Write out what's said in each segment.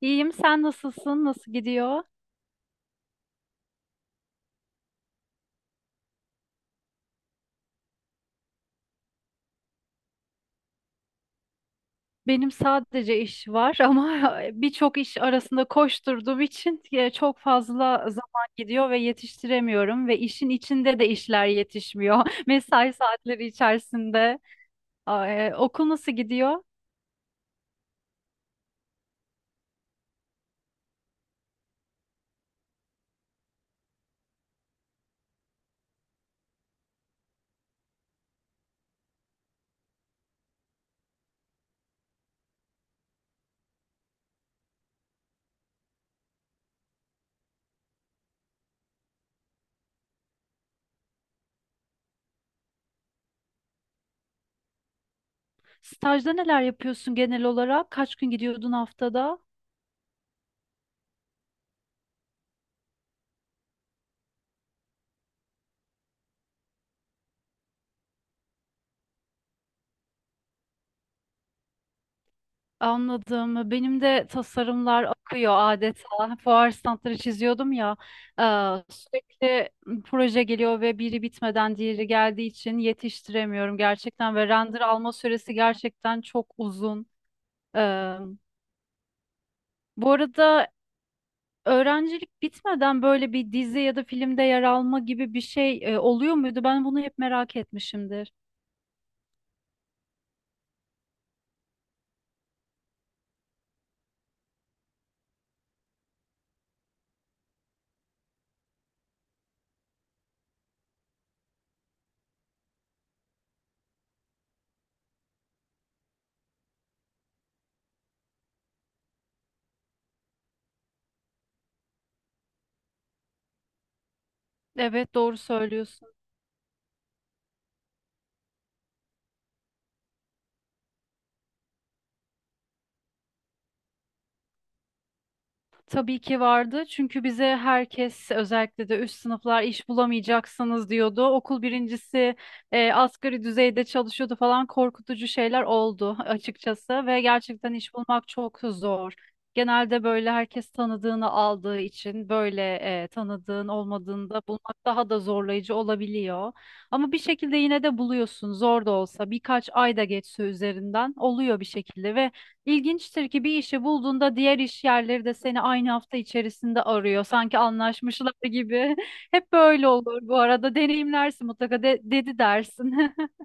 İyiyim, sen nasılsın? Nasıl gidiyor? Benim sadece iş var ama birçok iş arasında koşturduğum için çok fazla zaman gidiyor ve yetiştiremiyorum ve işin içinde de işler yetişmiyor. Mesai saatleri içerisinde. Okul nasıl gidiyor? Stajda neler yapıyorsun genel olarak? Kaç gün gidiyordun haftada? Anladım. Benim de tasarımlar akıyor adeta. Fuar standları çiziyordum ya. Sürekli proje geliyor ve biri bitmeden diğeri geldiği için yetiştiremiyorum gerçekten ve render alma süresi gerçekten çok uzun. Eee, Bu arada öğrencilik bitmeden böyle bir dizi ya da filmde yer alma gibi bir şey oluyor muydu? Ben bunu hep merak etmişimdir. Evet, doğru söylüyorsun. Tabii ki vardı. Çünkü bize herkes özellikle de üst sınıflar iş bulamayacaksınız diyordu. Okul birincisi asgari düzeyde çalışıyordu falan, korkutucu şeyler oldu açıkçası ve gerçekten iş bulmak çok zor. Genelde böyle herkes tanıdığını aldığı için böyle tanıdığın olmadığında bulmak daha da zorlayıcı olabiliyor. Ama bir şekilde yine de buluyorsun, zor da olsa birkaç ay da geçse üzerinden, oluyor bir şekilde. Ve İlginçtir ki bir işi bulduğunda diğer iş yerleri de seni aynı hafta içerisinde arıyor. Sanki anlaşmışlar gibi. Hep böyle olur bu arada. Deneyimlersin mutlaka, dedi dersin.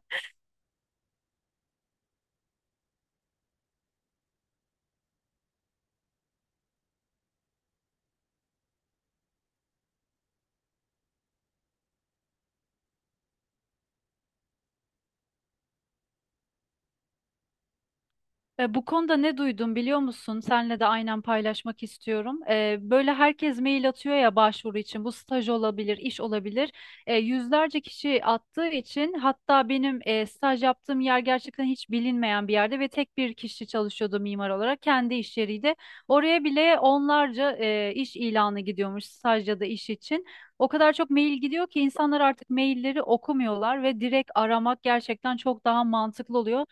Bu konuda ne duydum biliyor musun? Senle de aynen paylaşmak istiyorum. Böyle herkes mail atıyor ya, başvuru için. Bu staj olabilir, iş olabilir. Yüzlerce kişi attığı için, hatta benim staj yaptığım yer gerçekten hiç bilinmeyen bir yerde ve tek bir kişi çalışıyordu mimar olarak. Kendi iş yeriydi. Oraya bile onlarca iş ilanı gidiyormuş staj ya da iş için. O kadar çok mail gidiyor ki insanlar artık mailleri okumuyorlar ve direkt aramak gerçekten çok daha mantıklı oluyor.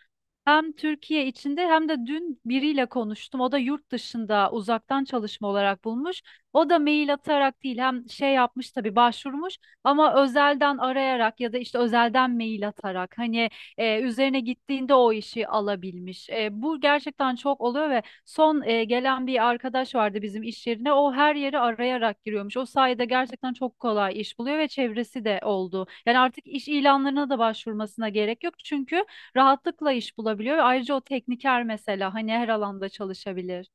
Hem Türkiye içinde hem de dün biriyle konuştum. O da yurt dışında uzaktan çalışma olarak bulmuş. O da mail atarak değil, hem şey yapmış tabii, başvurmuş ama özelden arayarak ya da işte özelden mail atarak, hani üzerine gittiğinde o işi alabilmiş. Bu gerçekten çok oluyor ve son gelen bir arkadaş vardı bizim iş yerine. O her yeri arayarak giriyormuş. O sayede gerçekten çok kolay iş buluyor ve çevresi de oldu. Yani artık iş ilanlarına da başvurmasına gerek yok çünkü rahatlıkla iş bulabiliyor ve ayrıca o tekniker mesela, hani her alanda çalışabilir.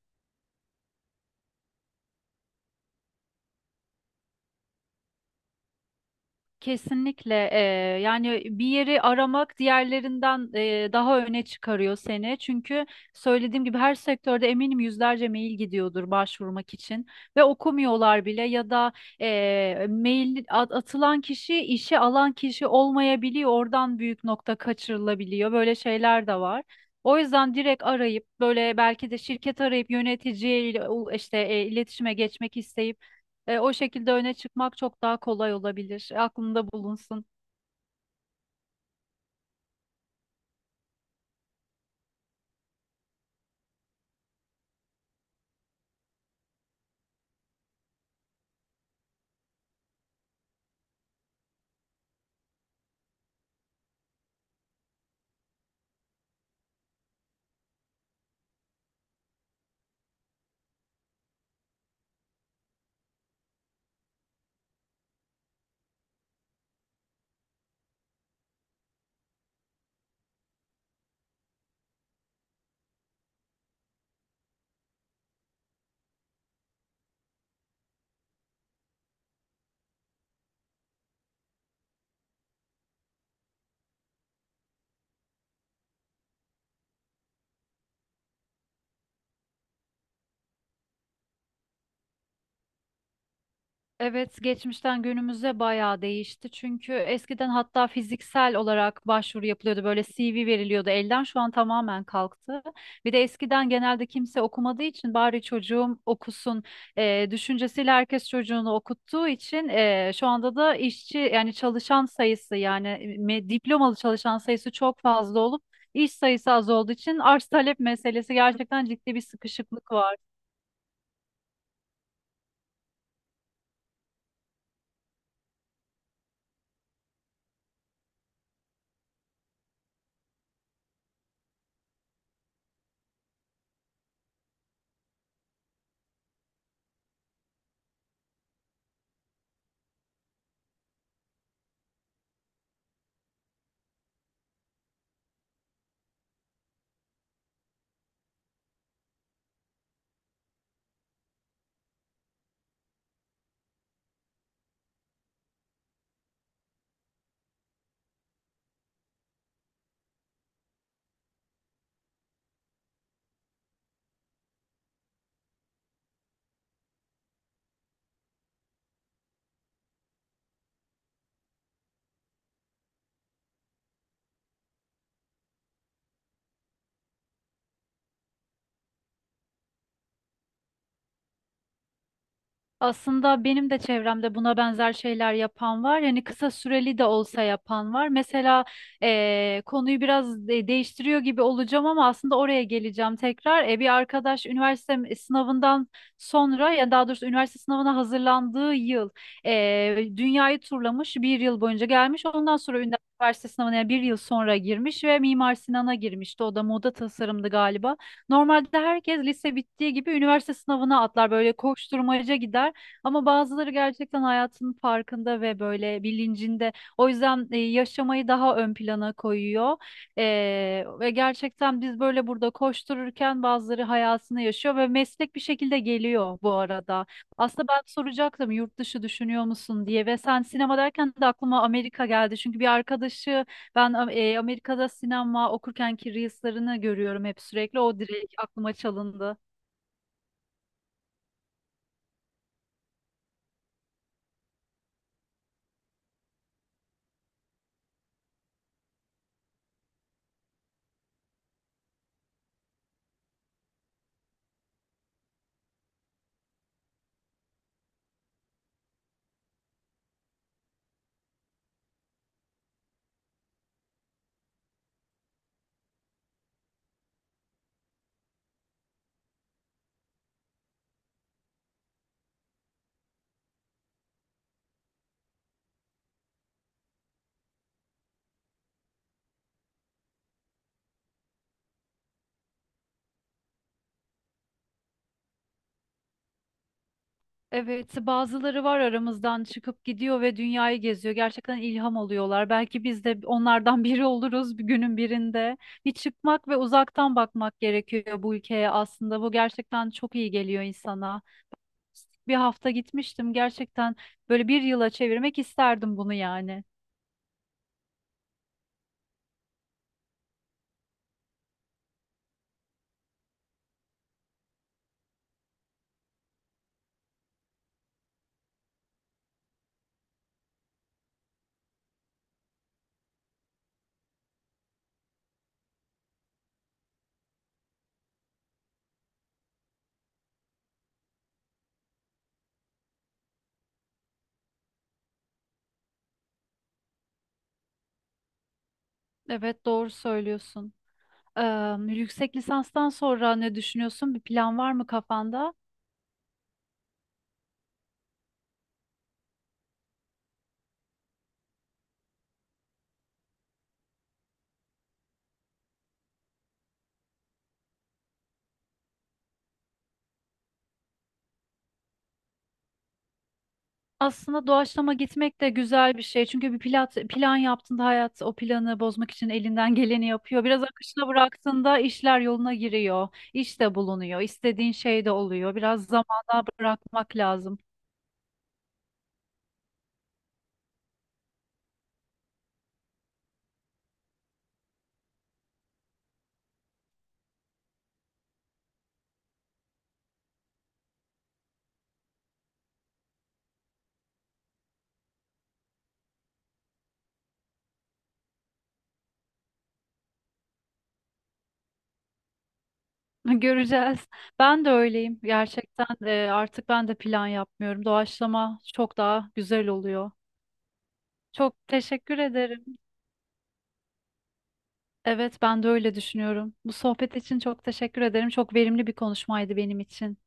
Kesinlikle. Yani bir yeri aramak diğerlerinden daha öne çıkarıyor seni. Çünkü söylediğim gibi her sektörde eminim yüzlerce mail gidiyordur başvurmak için ve okumuyorlar bile ya da atılan kişi işe alan kişi olmayabiliyor. Oradan büyük nokta kaçırılabiliyor. Böyle şeyler de var. O yüzden direkt arayıp, böyle belki de şirket arayıp yöneticiyle iletişime geçmek isteyip o şekilde öne çıkmak çok daha kolay olabilir. Aklında bulunsun. Evet, geçmişten günümüze bayağı değişti. Çünkü eskiden hatta fiziksel olarak başvuru yapılıyordu. Böyle CV veriliyordu elden. Şu an tamamen kalktı. Bir de eskiden genelde kimse okumadığı için bari çocuğum okusun düşüncesiyle herkes çocuğunu okuttuğu için şu anda da işçi, yani çalışan sayısı, yani diplomalı çalışan sayısı çok fazla olup iş sayısı az olduğu için, arz talep meselesi, gerçekten ciddi bir sıkışıklık var. Aslında benim de çevremde buna benzer şeyler yapan var. Yani kısa süreli de olsa yapan var. Mesela konuyu biraz değiştiriyor gibi olacağım ama aslında oraya geleceğim tekrar. Bir arkadaş üniversite sınavından sonra, ya daha doğrusu üniversite sınavına hazırlandığı yıl dünyayı turlamış. Bir yıl boyunca gelmiş. Ondan sonra üniversite sınavına, yani bir yıl sonra girmiş ve Mimar Sinan'a girmişti. O da moda tasarımdı galiba. Normalde herkes lise bittiği gibi üniversite sınavına atlar, böyle koşturmaca gider. Ama bazıları gerçekten hayatının farkında ve böyle bilincinde. O yüzden yaşamayı daha ön plana koyuyor. E, Ve gerçekten biz böyle burada koştururken bazıları hayatını yaşıyor ve meslek bir şekilde geliyor bu arada. Aslında ben soracaktım yurt dışı düşünüyor musun diye, ve sen sinema derken de aklıma Amerika geldi. Çünkü bir arkadaşı ben Amerika'da sinema okurkenki reels'larını görüyorum hep sürekli. O direkt aklıma çalındı. Evet, bazıları var aramızdan çıkıp gidiyor ve dünyayı geziyor. Gerçekten ilham oluyorlar. Belki biz de onlardan biri oluruz bir günün birinde. Bir çıkmak ve uzaktan bakmak gerekiyor bu ülkeye aslında. Bu gerçekten çok iyi geliyor insana. Bir hafta gitmiştim. Gerçekten böyle bir yıla çevirmek isterdim bunu yani. Evet, doğru söylüyorsun. Yüksek lisanstan sonra ne düşünüyorsun? Bir plan var mı kafanda? Aslında doğaçlama gitmek de güzel bir şey. Çünkü bir plan yaptığında hayat o planı bozmak için elinden geleni yapıyor. Biraz akışına bıraktığında işler yoluna giriyor. İş de bulunuyor. İstediğin şey de oluyor. Biraz zamana bırakmak lazım. Göreceğiz. Ben de öyleyim. Gerçekten artık ben de plan yapmıyorum. Doğaçlama çok daha güzel oluyor. Çok teşekkür ederim. Evet, ben de öyle düşünüyorum. Bu sohbet için çok teşekkür ederim. Çok verimli bir konuşmaydı benim için.